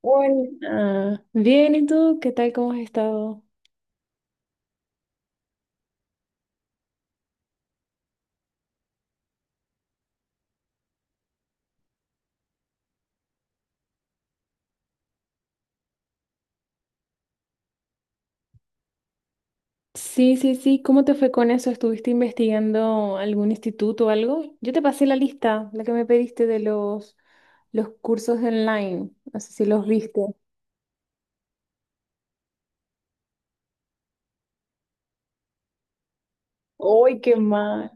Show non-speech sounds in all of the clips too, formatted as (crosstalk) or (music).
Hola, bien, ¿y tú? ¿Qué tal? ¿Cómo has estado? Sí, sí, sí, ¿cómo te fue con eso? ¿Estuviste investigando algún instituto o algo? Yo te pasé la lista, la que me pediste de los cursos online, no sé si los viste. ¡Ay, qué mal!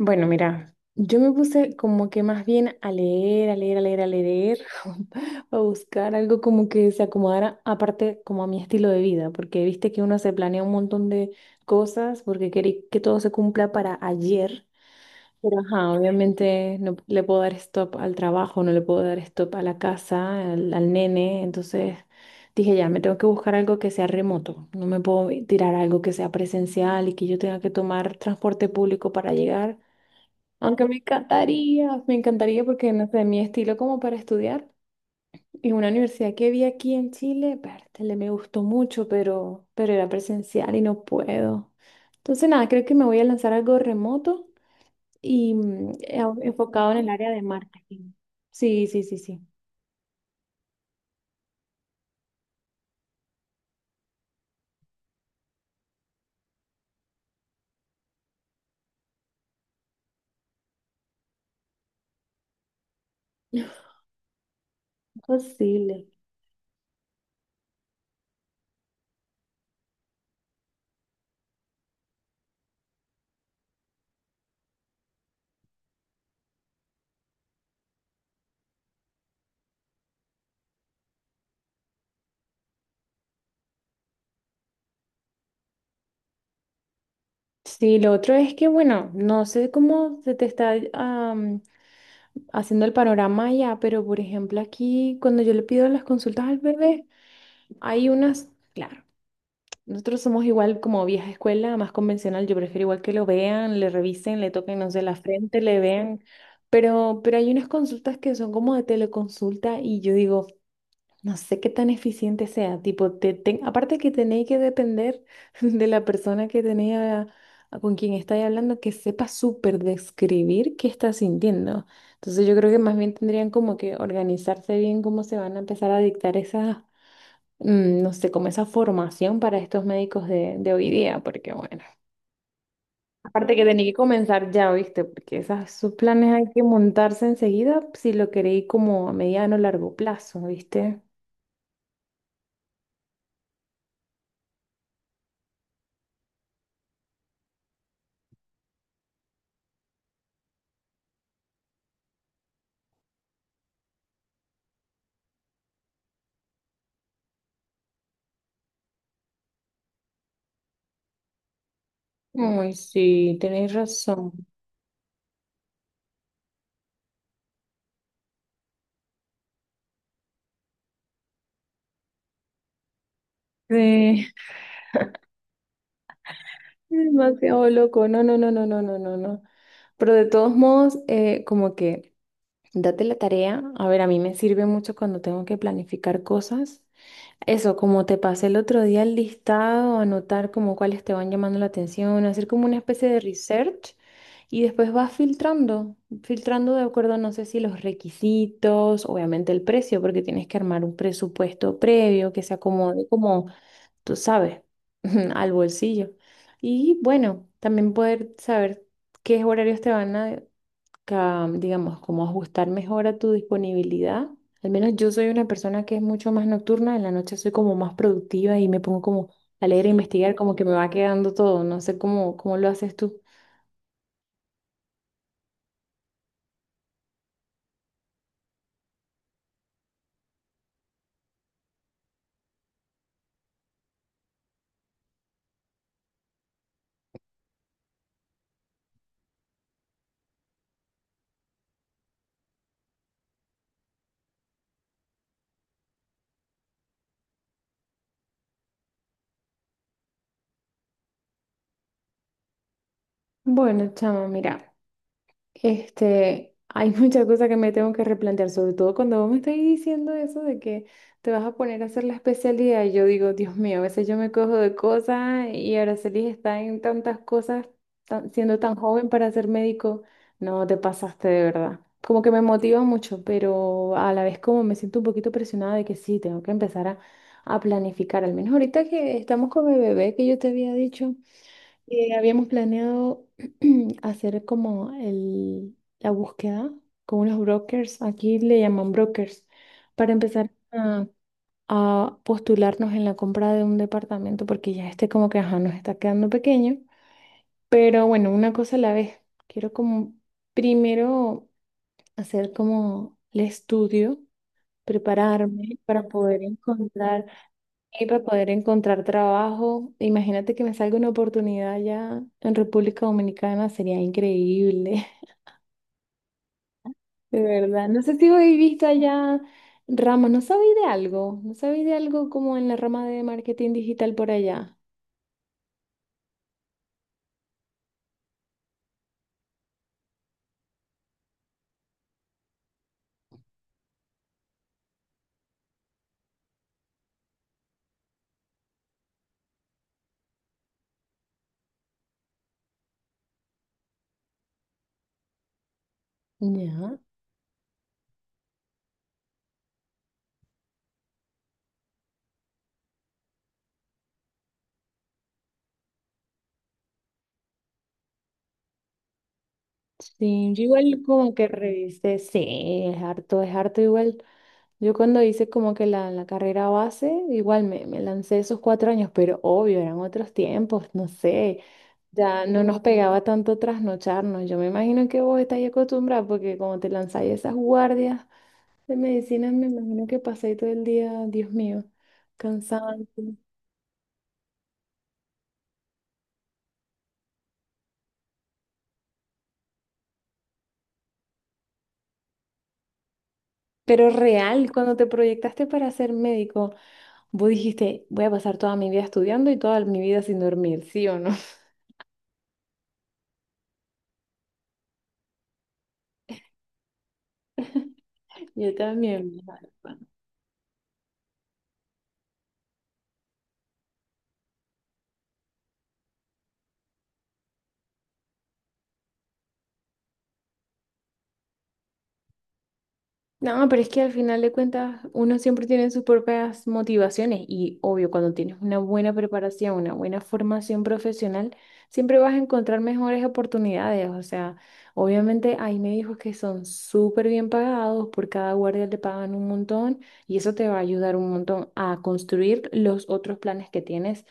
Bueno, mira, yo me puse como que más bien a leer, a leer, a leer, a leer, (laughs) a buscar algo como que se acomodara, aparte como a mi estilo de vida, porque viste que uno se planea un montón de cosas porque quiere que todo se cumpla para ayer, pero ajá, obviamente no le puedo dar stop al trabajo, no le puedo dar stop a la casa, al nene, entonces dije ya, me tengo que buscar algo que sea remoto, no me puedo tirar a algo que sea presencial y que yo tenga que tomar transporte público para llegar. Aunque me encantaría porque no sé, mi estilo como para estudiar y una universidad que vi aquí en Chile, pértale, me gustó mucho, pero era presencial y no puedo. Entonces nada, creo que me voy a lanzar algo remoto y enfocado en el área de marketing. Sí, sí, sí, sí. Posible. Sí, lo otro es que, bueno, no sé cómo se te está haciendo el panorama allá, pero por ejemplo aquí cuando yo le pido las consultas al bebé, hay unas, claro. Nosotros somos igual como vieja escuela, más convencional. Yo prefiero igual que lo vean, le revisen, le toquen, no sé, la frente, le vean. Pero hay unas consultas que son como de teleconsulta y yo digo, no sé qué tan eficiente sea. Tipo, aparte que tenéis que depender (laughs) de la persona que tenéis a con quien estáis hablando, que sepa súper describir qué está sintiendo. Entonces yo creo que más bien tendrían como que organizarse bien cómo se van a empezar a dictar esas no sé, como esa formación para estos médicos de hoy día, porque bueno, aparte que tenía que comenzar ya, ¿viste? Porque esas, sus planes hay que montarse enseguida si lo queréis como a mediano o largo plazo, ¿viste? Ay, sí, tenéis razón. Sí, (laughs) demasiado loco. No, no, no, no, no, no, no, no. Pero de todos modos, como que date la tarea. A ver, a mí me sirve mucho cuando tengo que planificar cosas. Eso, como te pasé el otro día el listado, anotar como cuáles te van llamando la atención, hacer como una especie de research y después vas filtrando, filtrando de acuerdo, no sé si los requisitos, obviamente el precio, porque tienes que armar un presupuesto previo que se acomode como, tú sabes, (laughs) al bolsillo. Y bueno, también poder saber qué horarios te van a, digamos, como ajustar mejor a tu disponibilidad. Al menos yo soy una persona que es mucho más nocturna, en la noche soy como más productiva y me pongo como a leer e investigar, como que me va quedando todo, no sé cómo, cómo lo haces tú. Bueno, chama, mira. Este, hay muchas cosas que me tengo que replantear, sobre todo cuando vos me estáis diciendo eso de que te vas a poner a hacer la especialidad. Y yo digo, Dios mío, a veces yo me cojo de cosas y Araceli está en tantas cosas, siendo tan joven para ser médico. No, te pasaste de verdad. Como que me motiva mucho, pero a la vez como me siento un poquito presionada de que sí, tengo que empezar a planificar. Al menos ahorita que estamos con mi bebé, que yo te había dicho. Habíamos planeado (clears throat) hacer como la búsqueda con unos brokers, aquí le llaman brokers, para empezar a postularnos en la compra de un departamento, porque ya este como que ajá, nos está quedando pequeño. Pero bueno, una cosa a la vez. Quiero como primero hacer como el estudio, prepararme para poder encontrar y para poder encontrar trabajo, imagínate que me salga una oportunidad allá en República Dominicana, sería increíble, (laughs) de verdad. No sé si habéis visto allá ramas, no sabéis de algo, no sabéis de algo como en la rama de marketing digital por allá. Ya, sí, yo igual como que revisé, sí, es harto igual. Yo cuando hice como que la carrera base, igual me lancé esos 4 años, pero obvio, eran otros tiempos, no sé. Ya no nos pegaba tanto trasnocharnos. Yo me imagino que vos estáis acostumbrada porque como te lanzáis esas guardias de medicina, me imagino que pasáis todo el día, Dios mío, cansante. Pero real, cuando te proyectaste para ser médico, vos dijiste, voy a pasar toda mi vida estudiando y toda mi vida sin dormir, ¿sí o no? (laughs) Yo también. No, pero es que al final de cuentas uno siempre tiene sus propias motivaciones y obvio, cuando tienes una buena preparación, una buena formación profesional, siempre vas a encontrar mejores oportunidades. O sea, obviamente hay médicos que son súper bien pagados, por cada guardia te pagan un montón y eso te va a ayudar un montón a construir los otros planes que tienes,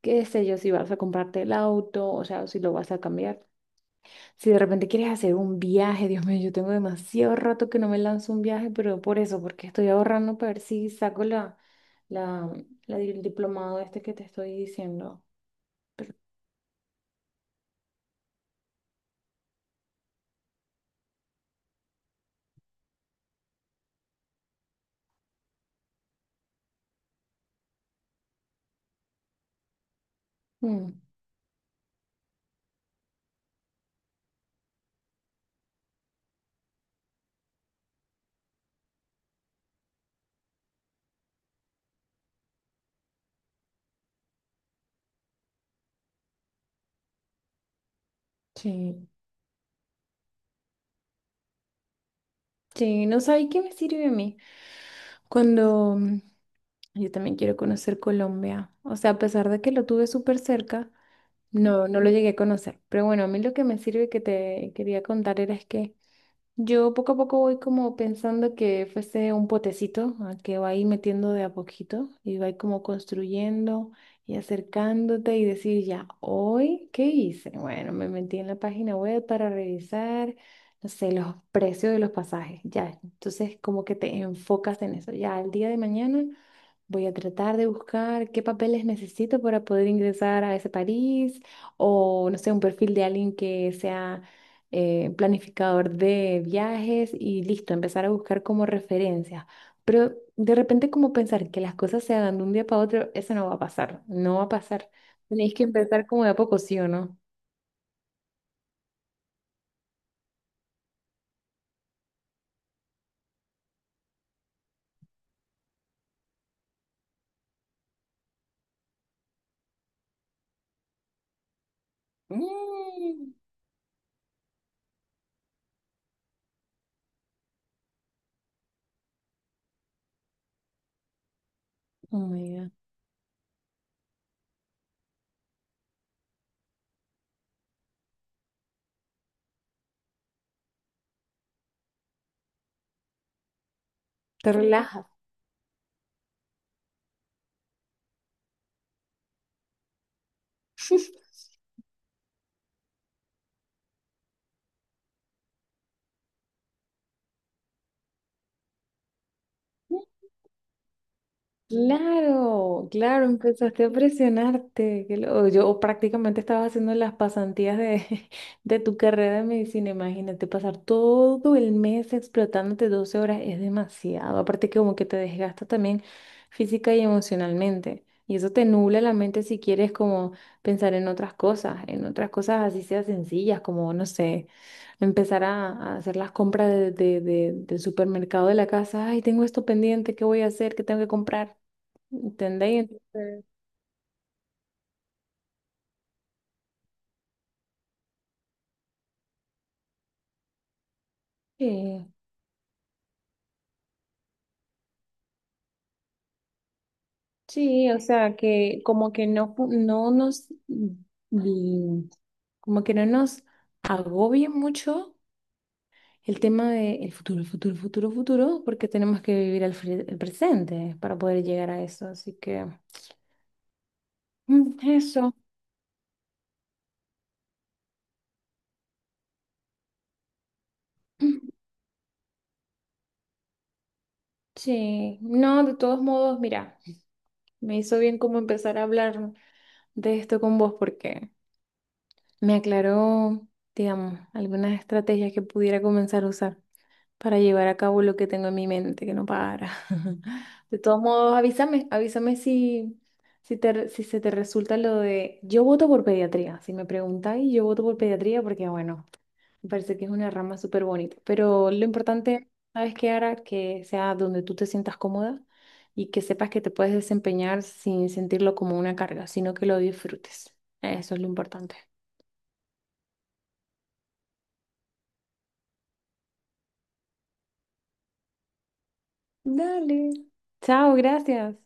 qué sé yo, si vas a comprarte el auto, o sea, si lo vas a cambiar. Si de repente quieres hacer un viaje, Dios mío, yo tengo demasiado rato que no me lanzo un viaje, pero por eso, porque estoy ahorrando para ver si saco la, el diplomado este que te estoy diciendo. Mm, sí, sí, no sabes qué me sirve a mí. Cuando yo también quiero conocer Colombia, o sea, a pesar de que lo tuve súper cerca, no lo llegué a conocer. Pero bueno, a mí lo que me sirve que te quería contar era es que yo poco a poco voy como pensando que fuese un potecito a que va ahí metiendo de a poquito y va ahí como construyendo y acercándote y decir ya, hoy, ¿qué hice? Bueno, me metí en la página web para revisar, no sé, los precios de los pasajes, ya. Entonces como que te enfocas en eso, ya, el día de mañana. Voy a tratar de buscar qué papeles necesito para poder ingresar a ese país o, no sé, un perfil de alguien que sea planificador de viajes y listo, empezar a buscar como referencias. Pero de repente como pensar que las cosas se hagan de un día para otro, eso no va a pasar, no va a pasar. Tenéis que empezar como de a poco, ¿sí o no? Mm. Oh my God. Te relajas. Claro, claro, empezaste a presionarte. Yo prácticamente estaba haciendo las pasantías (laughs) de tu carrera de medicina. Imagínate, pasar todo el mes explotándote 12 horas es demasiado. Aparte que como que te desgasta también física y emocionalmente. Y eso te nubla la mente si quieres como pensar en otras cosas así sea sencillas, como, no sé, empezar a hacer las compras del supermercado de la casa. Ay, tengo esto pendiente, ¿qué voy a hacer? ¿Qué tengo que comprar? ¿Entendéis? Entonces, sí, sí, o sea, que como que no, no nos, como que no nos agobie mucho el tema de el futuro, futuro, futuro, futuro, porque tenemos que vivir el, el presente para poder llegar a eso. Así que, eso. (clears throat) Sí, no, de todos modos, mira, me hizo bien como empezar a hablar de esto con vos porque me aclaró, digamos, algunas estrategias que pudiera comenzar a usar para llevar a cabo lo que tengo en mi mente, que no para. (laughs) De todos modos, avísame, avísame si se te resulta lo de... Yo voto por pediatría, si me preguntáis, yo voto por pediatría porque, bueno, me parece que es una rama súper bonita. Pero lo importante, ¿sabes qué, Ara? Que sea donde tú te sientas cómoda y que sepas que te puedes desempeñar sin sentirlo como una carga, sino que lo disfrutes. Eso es lo importante. Dale. Chao, gracias.